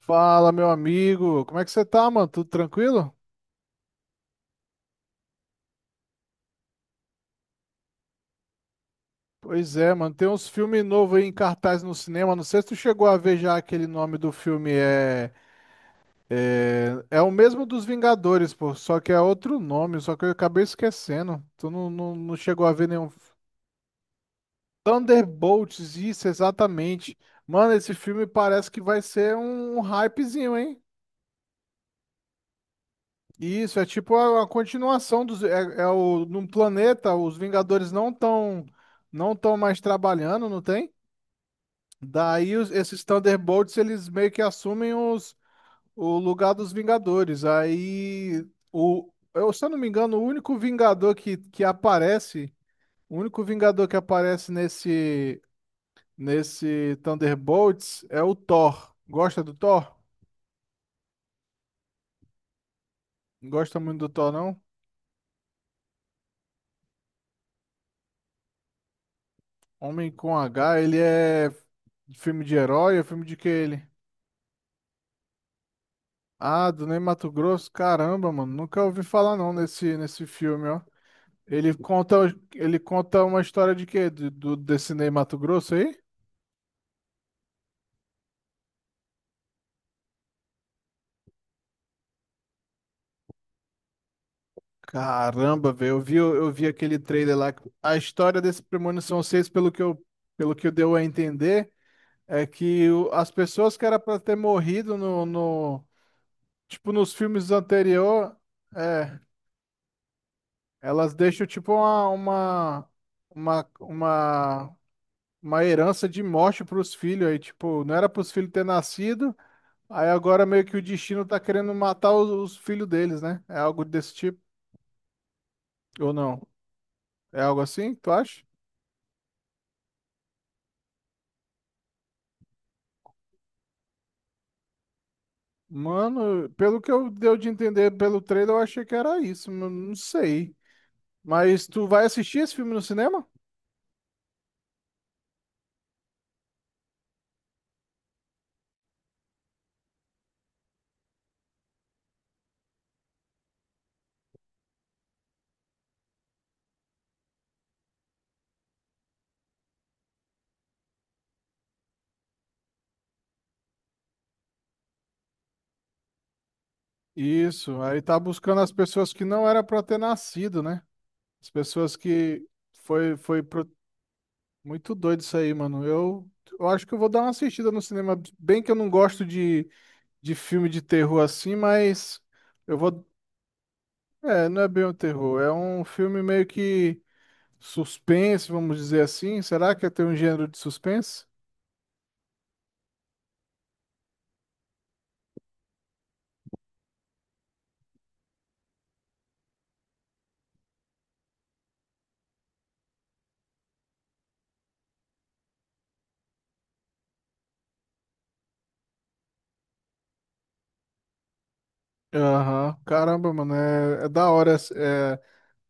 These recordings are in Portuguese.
Fala, meu amigo. Como é que você tá, mano? Tudo tranquilo? Pois é, mano. Tem uns filmes novos aí em cartaz no cinema. Não sei se tu chegou a ver já aquele nome do filme. É o mesmo dos Vingadores, pô. Só que é outro nome. Só que eu acabei esquecendo. Tu não chegou a ver nenhum. Thunderbolts, isso, exatamente. Mano, esse filme parece que vai ser um hypezinho, hein? Isso, é tipo a continuação dos. Num planeta, os Vingadores não estão mais trabalhando, não tem? Daí esses Thunderbolts, eles meio que assumem o lugar dos Vingadores. Se eu não me engano, o único Vingador que aparece, o único Vingador que aparece nesse Thunderbolts é o Thor. Gosta do Thor? Não gosta muito do Thor, não? Homem com H, ele é filme de herói? É filme de que ele? Ah, do Ney Matogrosso? Caramba, mano, nunca ouvi falar não nesse filme, ó. Ele conta, ele conta uma história de quê? Desse Ney Matogrosso aí? Caramba, velho, eu vi aquele trailer lá. A história desse Premonição 6, pelo que deu a entender, é que as pessoas que era pra ter morrido no, no, tipo, nos filmes anterior, é, elas deixam tipo uma, uma, uma herança de morte para os filhos aí, tipo, não era para os filhos ter nascido, aí agora meio que o destino tá querendo matar os filhos deles, né? É algo desse tipo, ou não? É algo assim, tu acha? Mano, pelo que eu deu de entender pelo trailer, eu achei que era isso, mas não sei. Mas tu vai assistir esse filme no cinema? Isso, aí tá buscando as pessoas que não era para ter nascido, né? As pessoas que foi pro- Muito doido isso aí, mano. Eu acho que eu vou dar uma assistida no cinema. Bem que eu não gosto de filme de terror assim, mas eu vou. É, não é bem um terror. É um filme meio que suspense, vamos dizer assim. Será que tem um gênero de suspense? Aham. Caramba, mano. É, da hora. É,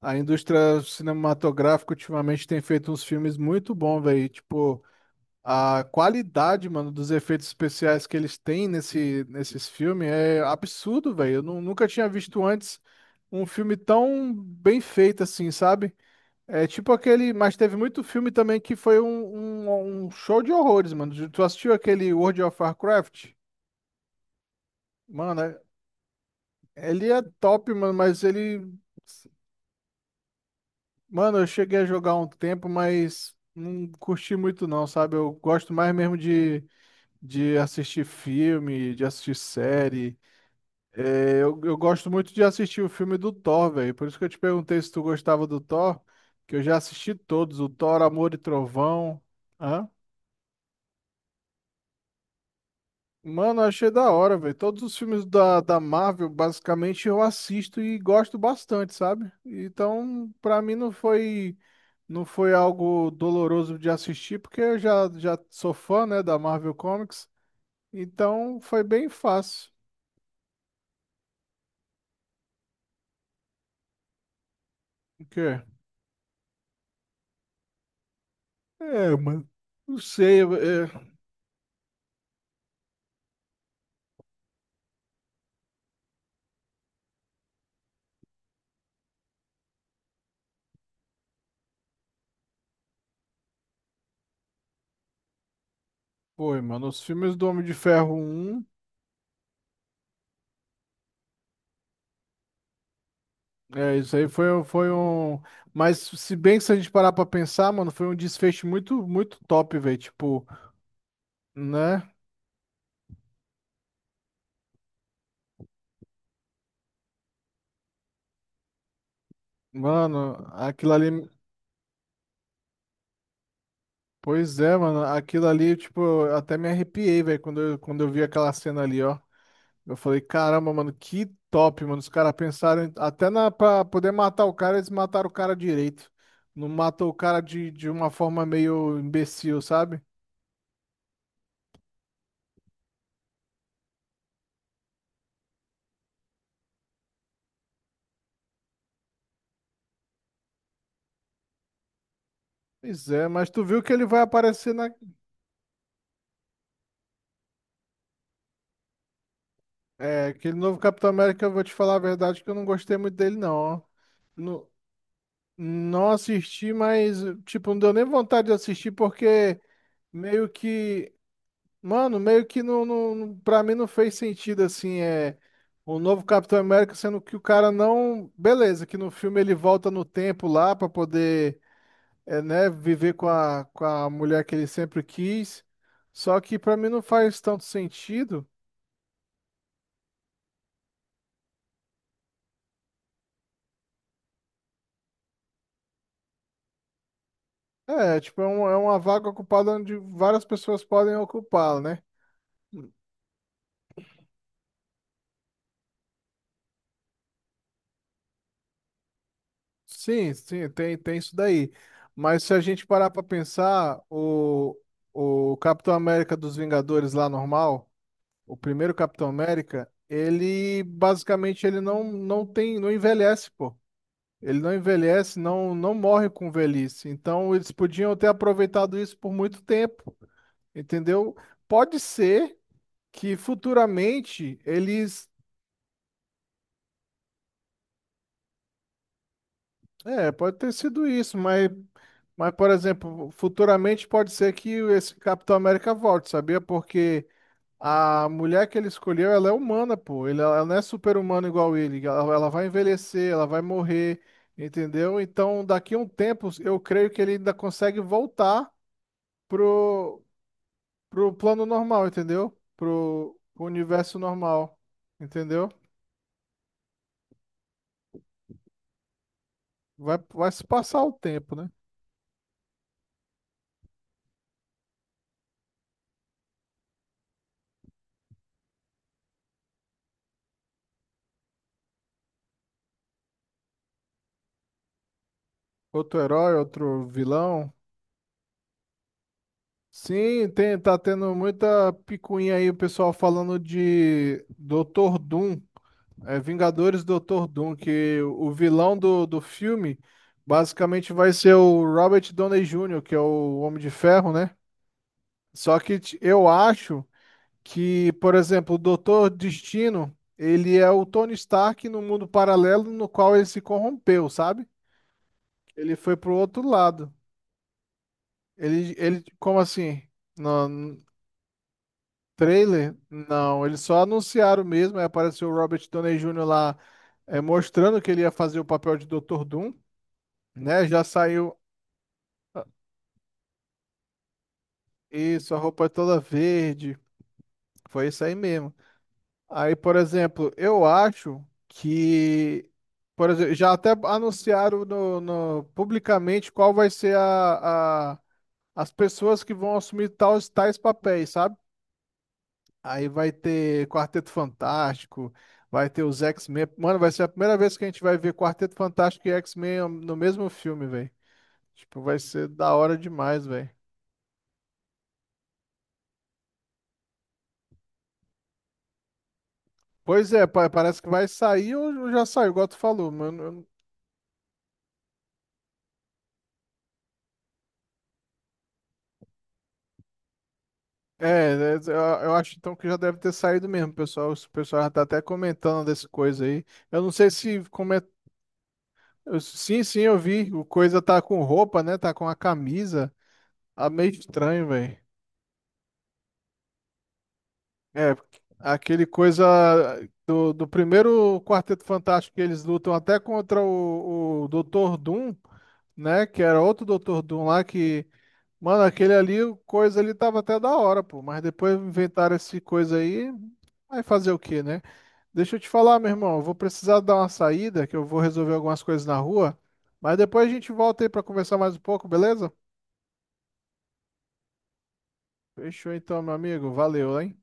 a indústria cinematográfica ultimamente tem feito uns filmes muito bons, velho. Tipo. A qualidade, mano, dos efeitos especiais que eles têm nesses filmes é absurdo, velho. Eu nunca tinha visto antes um filme tão bem feito assim, sabe? É tipo aquele. Mas teve muito filme também que foi um show de horrores, mano. Tu assistiu aquele World of Warcraft? Mano, ele é top, mano, mas ele. Mano, eu cheguei a jogar um tempo, mas não curti muito, não, sabe? Eu gosto mais mesmo de assistir filme, de assistir série. É, eu gosto muito de assistir o filme do Thor, velho. Por isso que eu te perguntei se tu gostava do Thor, que eu já assisti todos, o Thor, Amor e Trovão. Hã? Mano, eu achei da hora, velho. Todos os filmes da Marvel, basicamente, eu assisto e gosto bastante, sabe? Então, pra mim não foi algo doloroso de assistir, porque eu já sou fã, né, da Marvel Comics. Então, foi bem fácil. O quê? É, mano. Não sei. Foi, mano. Os filmes do Homem de Ferro um, é, isso aí foi um. Mas se bem que se a gente parar pra pensar, mano, foi um desfecho muito, muito top, velho. Tipo, né? Mano, aquilo ali. Pois é, mano. Aquilo ali, tipo, eu até me arrepiei, velho, quando eu vi aquela cena ali, ó. Eu falei, caramba, mano, que top, mano. Os caras pensaram até na, pra poder matar o cara, eles mataram o cara direito. Não matou o cara de uma forma meio imbecil, sabe? Pois é, mas tu viu que ele vai aparecer na. É, aquele novo Capitão América, eu vou te falar a verdade que eu não gostei muito dele, não. Ó. Não, não assisti, mas, tipo, não deu nem vontade de assistir, porque meio que. Mano, meio que pra mim não fez sentido, assim, é. O novo Capitão América, sendo que o cara não. Beleza, que no filme ele volta no tempo lá pra poder, é, né, viver com a mulher que ele sempre quis. Só que pra mim não faz tanto sentido. É, tipo, é uma vaga ocupada onde várias pessoas podem ocupá-la, né? Sim, sim, tem, tem isso daí. Mas se a gente parar pra pensar, o Capitão América dos Vingadores lá normal, o primeiro Capitão América, ele basicamente ele não tem, não envelhece, pô. Ele não envelhece, não, não morre com velhice. Então eles podiam ter aproveitado isso por muito tempo, entendeu? Pode ser que futuramente eles é, pode ter sido isso, mas, por exemplo, futuramente pode ser que esse Capitão América volte, sabia? Porque a mulher que ele escolheu, ela é humana, pô. Ela não é super-humana igual ele. Ela vai envelhecer, ela vai morrer, entendeu? Então, daqui a um tempo, eu creio que ele ainda consegue voltar pro, pro plano normal, entendeu? Pro universo normal, entendeu? Vai se passar o tempo, né? Outro herói, outro vilão. Sim, tem, tá tendo muita picuinha aí, o pessoal falando de Doutor Doom, é, Vingadores Doutor Doom, que o vilão do filme basicamente vai ser o Robert Downey Jr., que é o Homem de Ferro, né? Só que eu acho que, por exemplo, o Doutor Destino, ele é o Tony Stark no mundo paralelo no qual ele se corrompeu, sabe? Ele foi pro outro lado. Ele, como assim? Trailer? Não, eles só anunciaram mesmo. Aí apareceu o Robert Downey Jr. lá é, mostrando que ele ia fazer o papel de Dr. Doom, né? Já saiu isso, a roupa é toda verde. Foi isso aí mesmo. Aí, por exemplo, eu acho que. Por exemplo, já até anunciaram publicamente qual vai ser as pessoas que vão assumir tais papéis, sabe? Aí vai ter Quarteto Fantástico, vai ter os X-Men. Mano, vai ser a primeira vez que a gente vai ver Quarteto Fantástico e X-Men no mesmo filme, velho. Tipo, vai ser da hora demais, velho. Pois é, parece que vai sair ou já saiu, igual tu falou, mano. Eu- É, é, eu eu acho então que já deve ter saído mesmo, pessoal. O pessoal já tá até comentando dessa coisa aí. Eu não sei se coment... eu- Sim, sim, eu vi. O coisa tá com roupa, né? Tá com a camisa. Tá meio estranho, velho. É, aquele coisa do primeiro Quarteto Fantástico que eles lutam até contra o Doutor Doom, né? Que era outro Doutor Doom lá que. Mano, aquele ali, o coisa ali tava até da hora, pô. Mas depois inventaram esse coisa aí. Vai fazer o quê, né? Deixa eu te falar, meu irmão. Eu vou precisar dar uma saída, que eu vou resolver algumas coisas na rua. Mas depois a gente volta aí pra conversar mais um pouco, beleza? Fechou então, meu amigo. Valeu, hein?